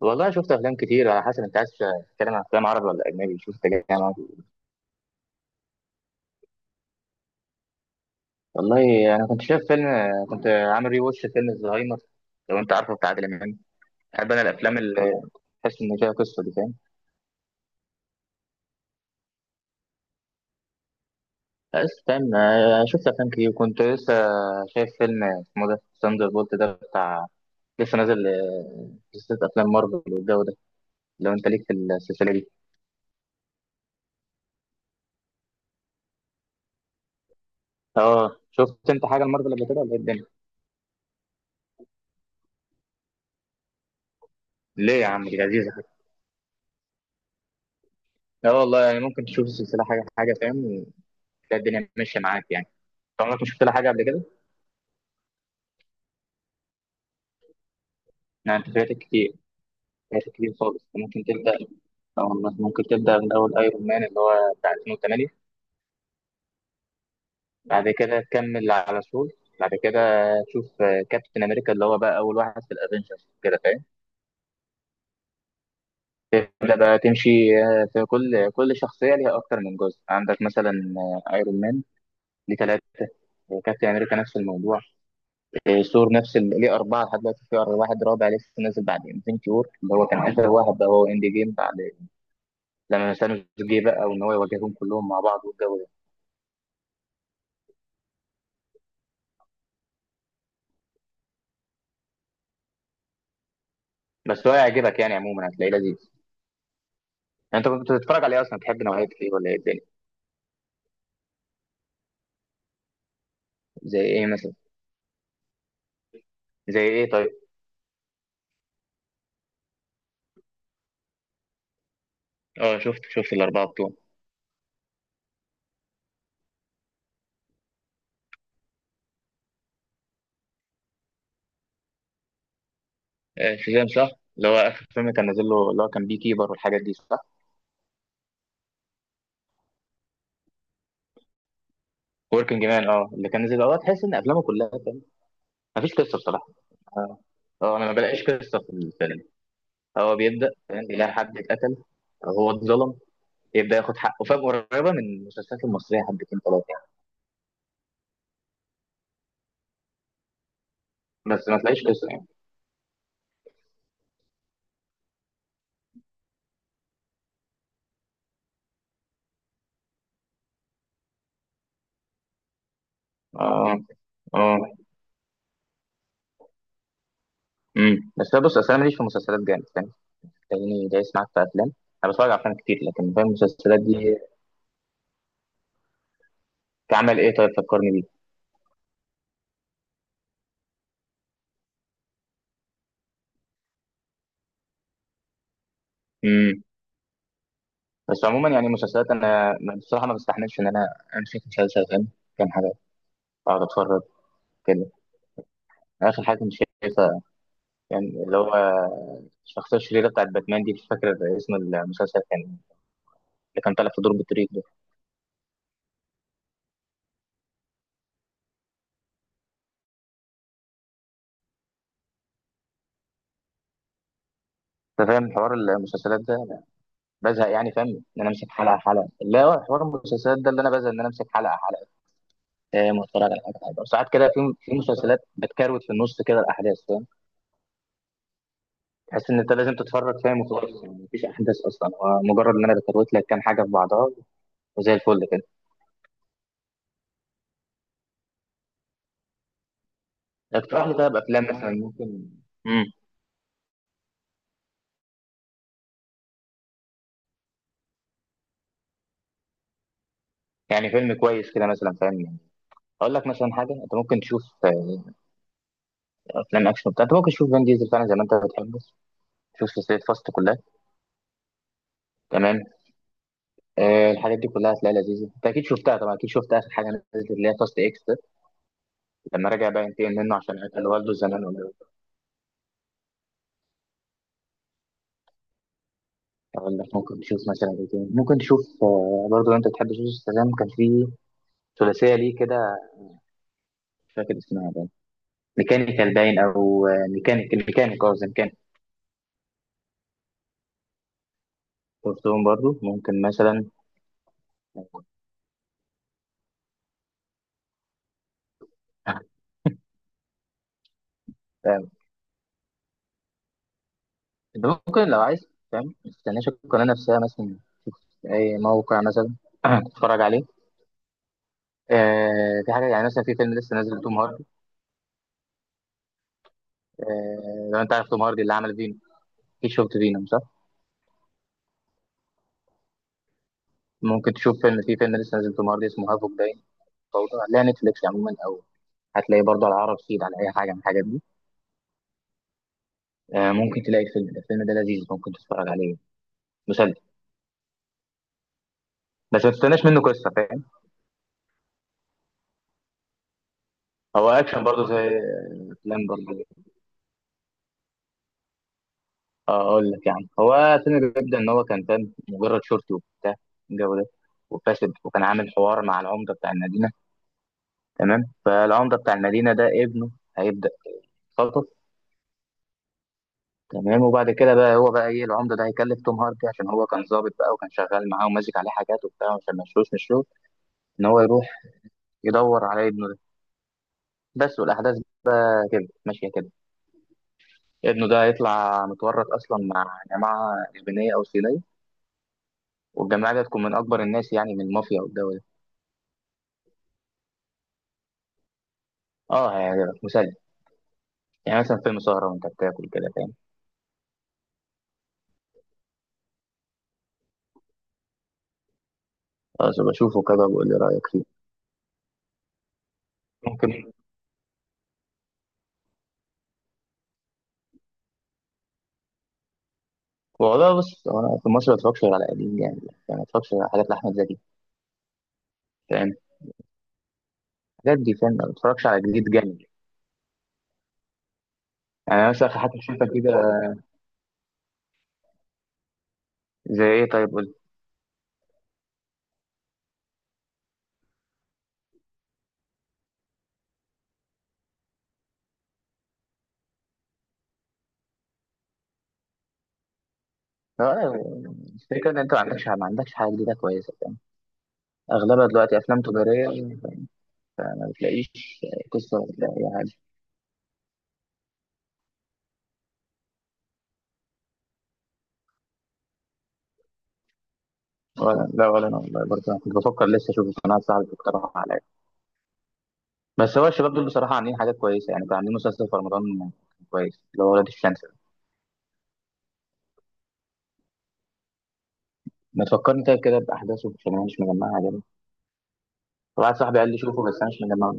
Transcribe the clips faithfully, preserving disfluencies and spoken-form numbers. والله شفت افلام كتير، على حسب انت عايز تتكلم عن افلام عربي ولا اجنبي. شوف انت جاي معاك إيه. والله انا كنت شايف فيلم، كنت عامل ري واتش فيلم الزهايمر، لو انت عارفه بتاع عادل امام. بحب انا الافلام اللي تحس ان فيها قصه، دي فاهم؟ بس فاهم. آه، شفت افلام كتير، كنت لسه شايف فيلم اسمه ده ثاندر بولت، ده بتاع لسه نازل. آه، سلسله افلام مارفل والجو ده، لو انت ليك في السلسله دي. اه، شفت انت حاجه المارفل قبل كده ولا إيه الدنيا؟ ليه يا عم؟ دي لذيذه. اه والله، يعني ممكن تشوف السلسله حاجه حاجه، فاهم؟ تلاقي الدنيا ماشيه معاك يعني. أنت عمرك ما شفت لها حاجه قبل كده؟ يعني انت فاتك كتير. فاتك كتير خالص. ممكن تبدا أو ممكن تبدا من اول ايرون مان اللي هو بتاع ألفين وثمانية. بعد كده تكمل على سول، بعد كده تشوف آه، كابتن امريكا اللي هو بقى اول واحد في الافنجرز كده فاهم. تبدا بقى تمشي. آه، في كل كل شخصيه ليها اكتر من جزء، عندك مثلا آه، ايرون مان ليه ثلاثه، كابتن امريكا نفس الموضوع، آه، ثور نفس ال- ليه اربعه، لحد دلوقتي في واحد رابع لسه نازل بعد انفنتي وور اللي هو كان اخر واحد، بقى هو اند جيم بعد لما ثانوس جه بقى وان هو يواجههم كلهم مع بعض والجو ده. بس هو هيعجبك، يعني عموما هتلاقيه لذيذ. يعني انت كنت بتتفرج عليه اصلا؟ بتحب نوعيه ايه ولا ايه الدنيا؟ زي ايه مثلا؟ زي ايه طيب؟ اه شفت شفت الاربعه بتوع. آه، شازام صح؟ اللي هو اخر فيلم كان نازل له اللي هو كان بي كيبر والحاجات دي صح؟ وركينج مان، اه اللي كان نازل، اه تحس ان افلامه كلها فاهم. مفيش قصه بصراحه. اه. آه، انا ما بلاقيش قصه في الفيلم. هو بيبدا فاهم، بيلاقي حد اتقتل أو هو اتظلم، يبدا ياخد حقه فاهم، قريبه من المسلسلات المصريه حبتين ثلاثه يعني. بس ما تلاقيش قصه. اه اه. امم بس أنا بص، اصل انا ماليش في مسلسلات جامد فاهم، تلاقيني دايس معاك في افلام. انا بتفرج على افلام كتير لكن فاهم المسلسلات دي كعمل ايه، طيب فكرني بيه. امم بس عموما يعني مسلسلات انا بصراحه ما بستحملش ان انا امسك مسلسل فاهم كام حاجه، اقعد اتفرج كده. اخر حاجه كنت شايفها يعني، اللي هو الشخصيه الشريره بتاعت باتمان دي، مش فاكر اسم المسلسل، كان اللي كان طالع في دور بطريق ده. انت فاهم حوار المسلسلات ده؟ أنا بزهق يعني فاهم ان انا امسك حلقه حلقه، لا حوار المسلسلات ده اللي انا بزهق ان انا امسك حلقه حلقه فاهم، واتفرج على حاجه حلوه. ساعات كده في في مسلسلات بتكروت في النص كده الاحداث فاهم، تحس ان انت لازم تتفرج فاهم وخلاص، يعني مفيش احداث اصلا، هو مجرد ان انا بكروت لك كام حاجه في بعضها، وزي الفل كده. اقترح لي طيب افلام مثلا ممكن، امم يعني فيلم كويس كده مثلا فاهم يعني. اقول لك مثلا حاجه، انت ممكن تشوف آه، افلام اكشن بتاع. انت ممكن تشوف فان ديزل فعلا زي ما انت بتحب، تشوف سلسله فاست كلها. تمام. آه الحاجات دي كلها هتلاقيها لذيذه. انت اكيد شفتها طبعا، اكيد شفت اخر حاجه نزلت اللي هي فاست اكس ده، لما رجع بقى ينتقم منه عشان قتل والده زمان. أقول لك ممكن تشوف مثلا إيه تاني. ممكن تشوف آه، برضه لو أنت بتحب سوسو السلام، كان في ثلاثية ليه كده، مش فاكر اسمها بقى، ميكانيكال باين أو آه، ميكانيك الميكانيك أو ميكانيك. شفتهم برضه، ممكن مثلا فاهم. أنت ممكن لو عايز فاهم، ما تستناش القناة نفسها مثلا، في أي موقع مثلا تتفرج عليه. آه في حاجة، يعني مثلا في فيلم لسه نازل لتوم هاردي. آه لو أنت عارف توم هاردي اللي عمل فينوم، أكيد شفت فينوم صح؟ ممكن تشوف فيلم، في فيلم لسه نازل توم هاردي اسمه هافوك، باين فوضى. عليها نتفليكس عموما، أو هتلاقي برضه على العرب سيد على اي حاجه من الحاجات دي. آه، ممكن تلاقي الفيلم ده، الفيلم ده لذيذ ممكن تتفرج عليه. مسلي. بس ما تستناش منه قصه فاهم. هو اكشن برضه زي افلام برضه. آه، اقول لك يعني، هو فيلم بيبدا ان هو كان فاهم مجرد شرطي وبتاع الجو ده، وفاسد، وكان عامل حوار مع العمده بتاع المدينه. تمام، فالعمده بتاع المدينه ده ابنه هيبدا يتخطف. تمام، وبعد كده بقى هو بقى ايه، العمده ده هيكلف توم هاردي عشان هو كان ظابط بقى وكان شغال معاه وماسك عليه حاجات وبتاع، عشان ما يشوش من الشغل، ان هو يروح يدور على ابنه بس. والأحداث بقى كده ماشية كده. ابنه ده هيطلع متورط أصلا مع جماعة يابانية أو صينية، والجماعة دي هتكون من أكبر الناس، يعني من المافيا والدولة. اه هيعجبك، مسلي يعني، مثلا فيلم سهرة وأنت بتاكل كده فاهم. خلاص أبقى أشوفه كده وبقول لي رأيك فيه. ممكن. والله بص، هو أنا في مصر ما بتفرجش غير على قديم يعني يعني ما بتفرجش على حاجات لأحمد زكي فاهم، الحاجات دي فاهم، ما بتفرجش على جديد جامد. يعني أنا مثلا في حاجة شفتها كده. زي إيه طيب قول لي. لا، أنا الفكرة إن أنت ما عندكش ما عندكش حاجة جديدة كويسة فاهم. أغلبها دلوقتي أفلام تجارية، ما تلاقيش قصه ولا اي حاجه. ولا لا ولا، انا والله برضه انا كنت بفكر لسه اشوف، القناه صاحبي اقترح عليا. بس هو الشباب دول بصراحه عاملين حاجات كويسه، يعني كان عاملين مسلسل في رمضان كويس، اللي هو ولاد الشمس ده. ما تفكرني طيب كده باحداثه، عشان انا مش مجمعها كده. واحد صاحبي قال لي شوفه بس انا مش مجمعه.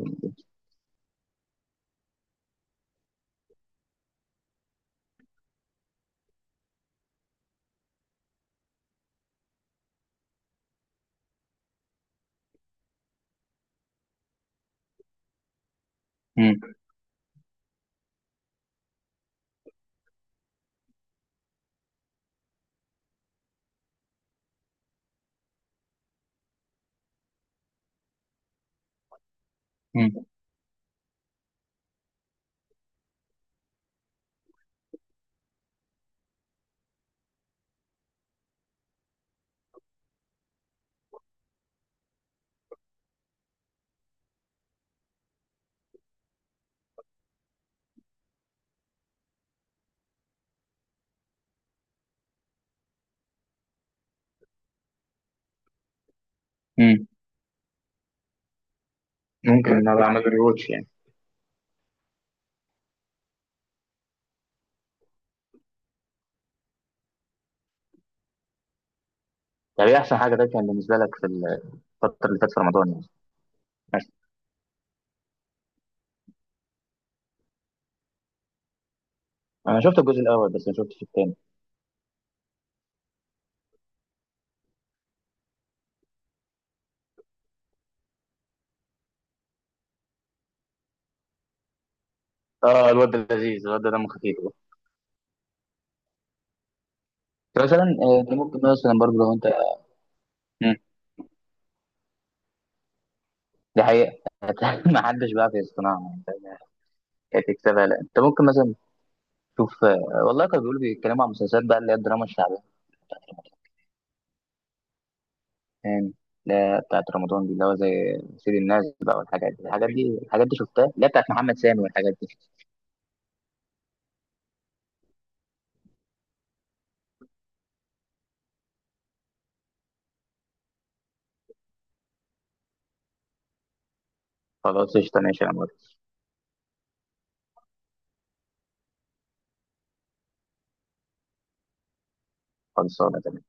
امم امم امم ممكن ان انا بعمل ريوتش يعني. طب ايه احسن حاجه ده كان بالنسبه لك في الفتره اللي فاتت في رمضان يعني؟ مثلا؟ انا شفت الجزء الاول بس ما شفتش الثاني. اه الواد ده لذيذ، الواد ده دمه خفيف. مثلا آه، انت ممكن مثلا برضه، لو انت دي حقيقة ما حدش بيعرف يصنعها يعني فاهم؟ كانت تكسبها. لا انت ممكن مثلا تشوف، آه، والله كانوا بيقولوا، بيتكلموا عن مسلسلات بقى اللي هي الدراما الشعبية بتاعت زمان، اللي هي بتاعت رمضان دي اللي هو زي سيد الناس بقى والحاجات دي، الحاجات دي الحاجات دي شفتها، اللي هي بتاعت محمد سامي والحاجات دي. خلاص قشطة ماشي يا عمر. خلصانة تمام.